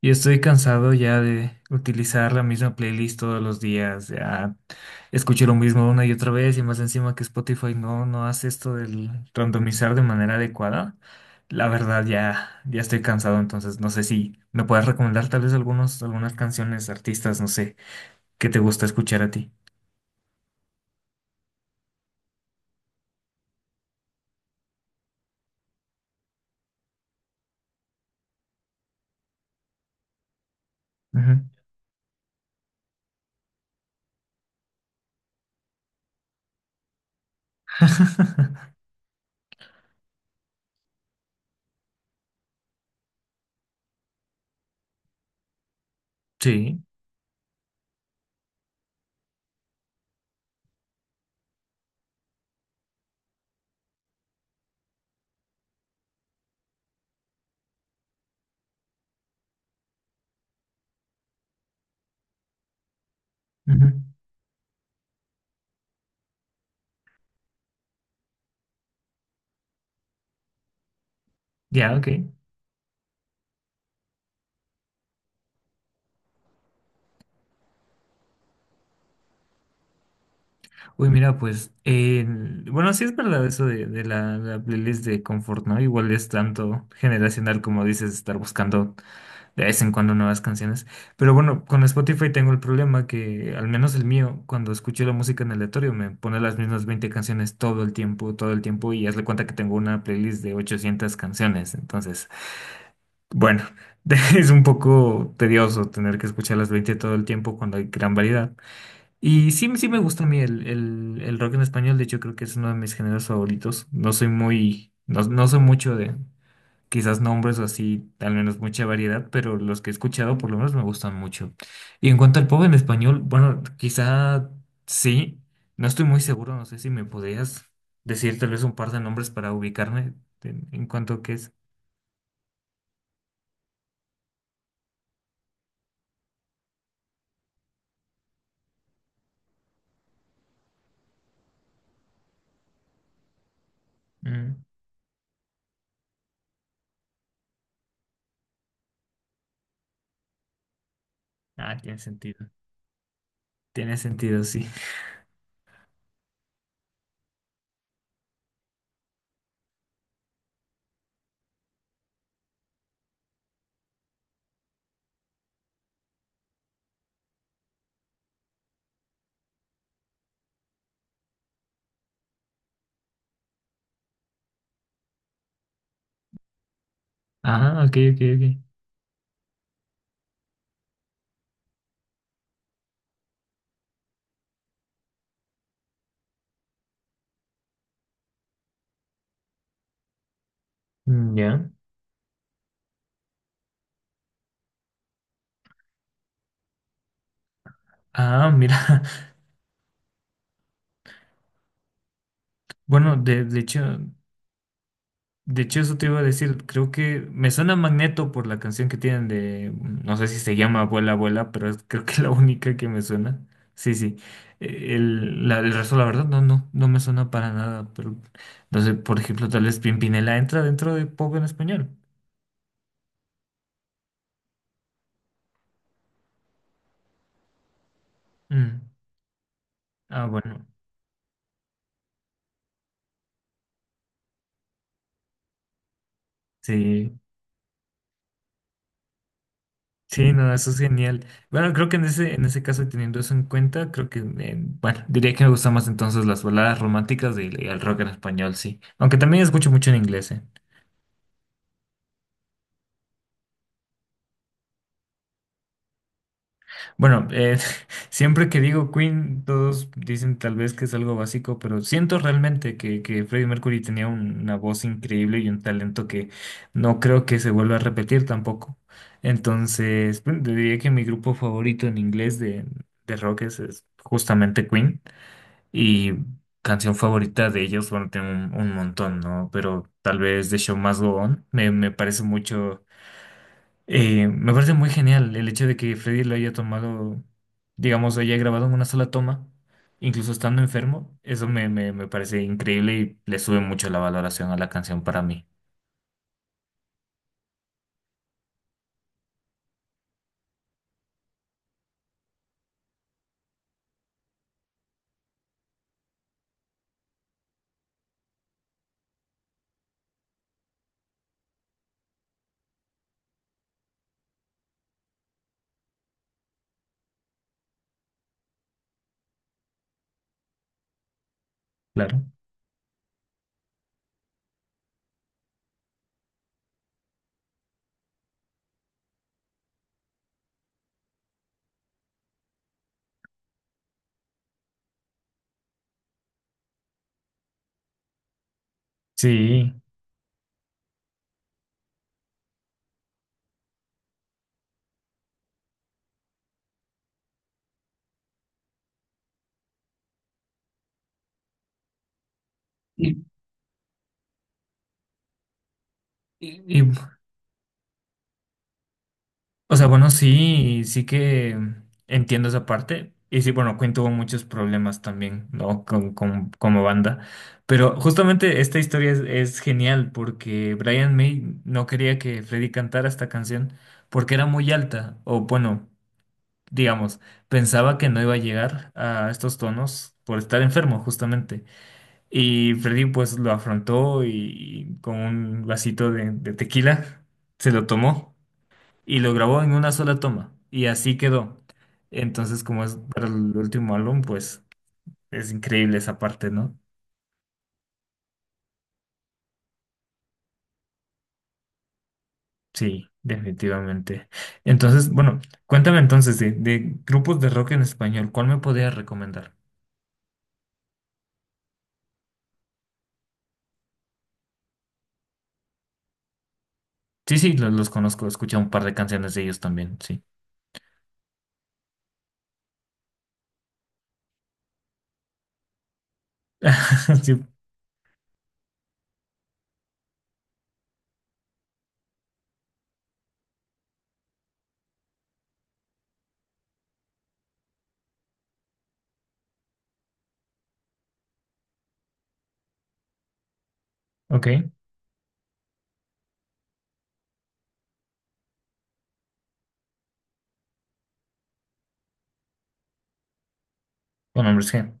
Yo estoy cansado ya de utilizar la misma playlist todos los días. Ya escucho lo mismo una y otra vez y más encima que Spotify no hace esto del randomizar de manera adecuada. La verdad ya estoy cansado, entonces no sé si me puedes recomendar tal vez algunas canciones, artistas, no sé, que te gusta escuchar a ti. Ujú. Sí. Ujú. Ya, ok. Uy, mira, pues, bueno, sí es verdad eso de la playlist de confort, ¿no? Igual es tanto generacional como dices, estar buscando de vez en cuando nuevas canciones. Pero bueno, con Spotify tengo el problema que, al menos el mío, cuando escucho la música en aleatorio, me pone las mismas 20 canciones todo el tiempo, y hazle cuenta que tengo una playlist de 800 canciones. Entonces, bueno, es un poco tedioso tener que escuchar las 20 todo el tiempo cuando hay gran variedad. Y sí, sí me gusta a mí el rock en español. De hecho, creo que es uno de mis géneros favoritos. No soy muy, no soy mucho de quizás nombres o así, al menos mucha variedad, pero los que he escuchado por lo menos me gustan mucho. Y en cuanto al pop en español, bueno, quizá sí, no estoy muy seguro, no sé si me podrías decir tal vez un par de nombres para ubicarme en cuanto a qué es. Mm. Ah, tiene sentido. Tiene sentido, sí. Ah, ok, ok, ok. Mm. Ya. Ah, mira. Bueno, de hecho eso te iba a decir, creo que me suena Magneto por la canción que tienen de, no sé si se llama Abuela, Abuela, pero creo que es la única que me suena. Sí, sí. El resto, la verdad, no me suena para nada, pero no sé, por ejemplo, tal vez Pimpinela entra dentro de pop en español. Mm. Ah, bueno, sí. Sí, no, eso es genial. Bueno, creo que en ese caso, y teniendo eso en cuenta, creo que, bueno, diría que me gustan más entonces las baladas románticas y el rock en español, sí. Aunque también escucho mucho en inglés, eh. Bueno, siempre que digo Queen, todos dicen tal vez que es algo básico, pero siento realmente que Freddie Mercury tenía una voz increíble y un talento que no creo que se vuelva a repetir tampoco. Entonces, bueno, diría que mi grupo favorito en inglés de rock es justamente Queen. Y canción favorita de ellos, bueno, tengo un montón, ¿no? Pero tal vez The Show Must Go On me, me parece mucho, me parece muy genial el hecho de que Freddy lo haya tomado, digamos, lo haya grabado en una sola toma, incluso estando enfermo. Eso me, me, me parece increíble y le sube mucho la valoración a la canción para mí, claro. Sí. Y, y- y O sea, bueno, sí, sí que entiendo esa parte. Y sí, bueno, Queen tuvo muchos problemas también, ¿no? Con, como banda. Pero justamente esta historia es genial porque Brian May no quería que Freddie cantara esta canción porque era muy alta. O bueno, digamos, pensaba que no iba a llegar a estos tonos por estar enfermo, justamente. Y Freddie pues lo afrontó y con un vasito de tequila se lo tomó y lo grabó en una sola toma y así quedó. Entonces, como es para el último álbum, pues es increíble esa parte, ¿no? Sí, definitivamente. Entonces, bueno, cuéntame entonces de grupos de rock en español, ¿cuál me podrías recomendar? Sí, sí, los conozco, he escuchado un par de canciones de ellos también, sí. Sí, ok, con Hombres G,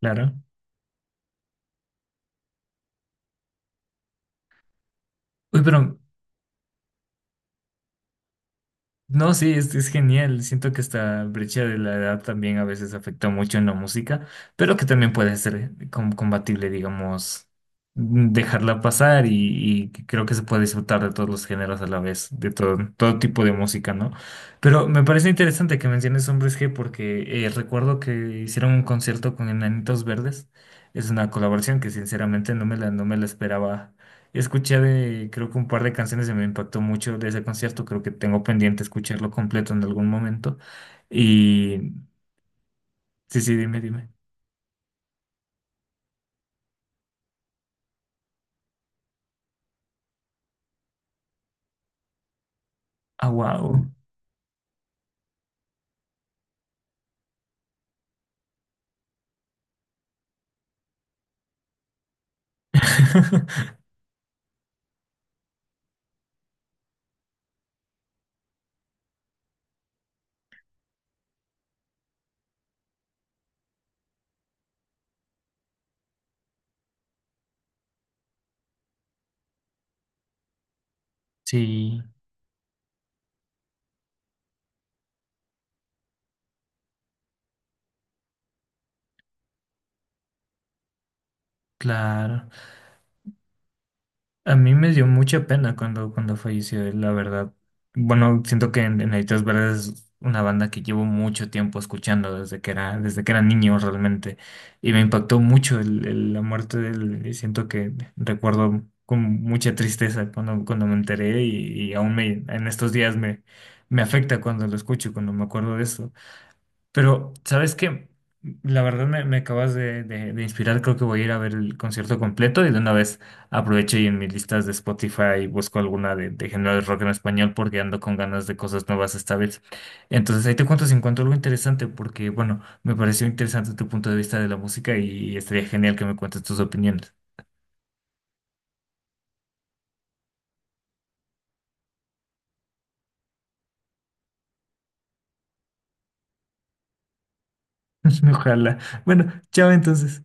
claro. Uy, pero no, sí, es genial. Siento que esta brecha de la edad también a veces afecta mucho en la música, pero que también puede ser combatible, digamos, mm, dejarla pasar y creo que se puede disfrutar de todos los géneros a la vez, de todo, todo tipo de música, ¿no? Pero me parece interesante que menciones Hombres G porque recuerdo que hicieron un concierto con Enanitos Verdes. Es una colaboración que sinceramente no me la esperaba. Escuché de, creo que un par de canciones que me impactó mucho de ese concierto. Creo que tengo pendiente escucharlo completo en algún momento. Y sí, sí, dime, dime. Ah, wow. Sí, claro. A mí me dio mucha pena cuando, cuando falleció él, la verdad. Bueno, siento que en Nanitos Verdes es una banda que llevo mucho tiempo escuchando desde que era niño realmente. Y me impactó mucho la muerte de él. Y siento que recuerdo con mucha tristeza cuando, cuando me enteré y aún me, en estos días me, me afecta cuando lo escucho, cuando me acuerdo de eso. Pero, ¿sabes qué? La verdad me, me acabas de, de inspirar. Creo que voy a ir a ver el concierto completo y de una vez aprovecho y en mis listas de Spotify busco alguna de género de rock en español porque ando con ganas de cosas nuevas esta vez. Entonces ahí te cuento si encuentro algo interesante porque, bueno, me pareció interesante tu punto de vista de la música y estaría genial que me cuentes tus opiniones. Ojalá. Bueno, chao entonces.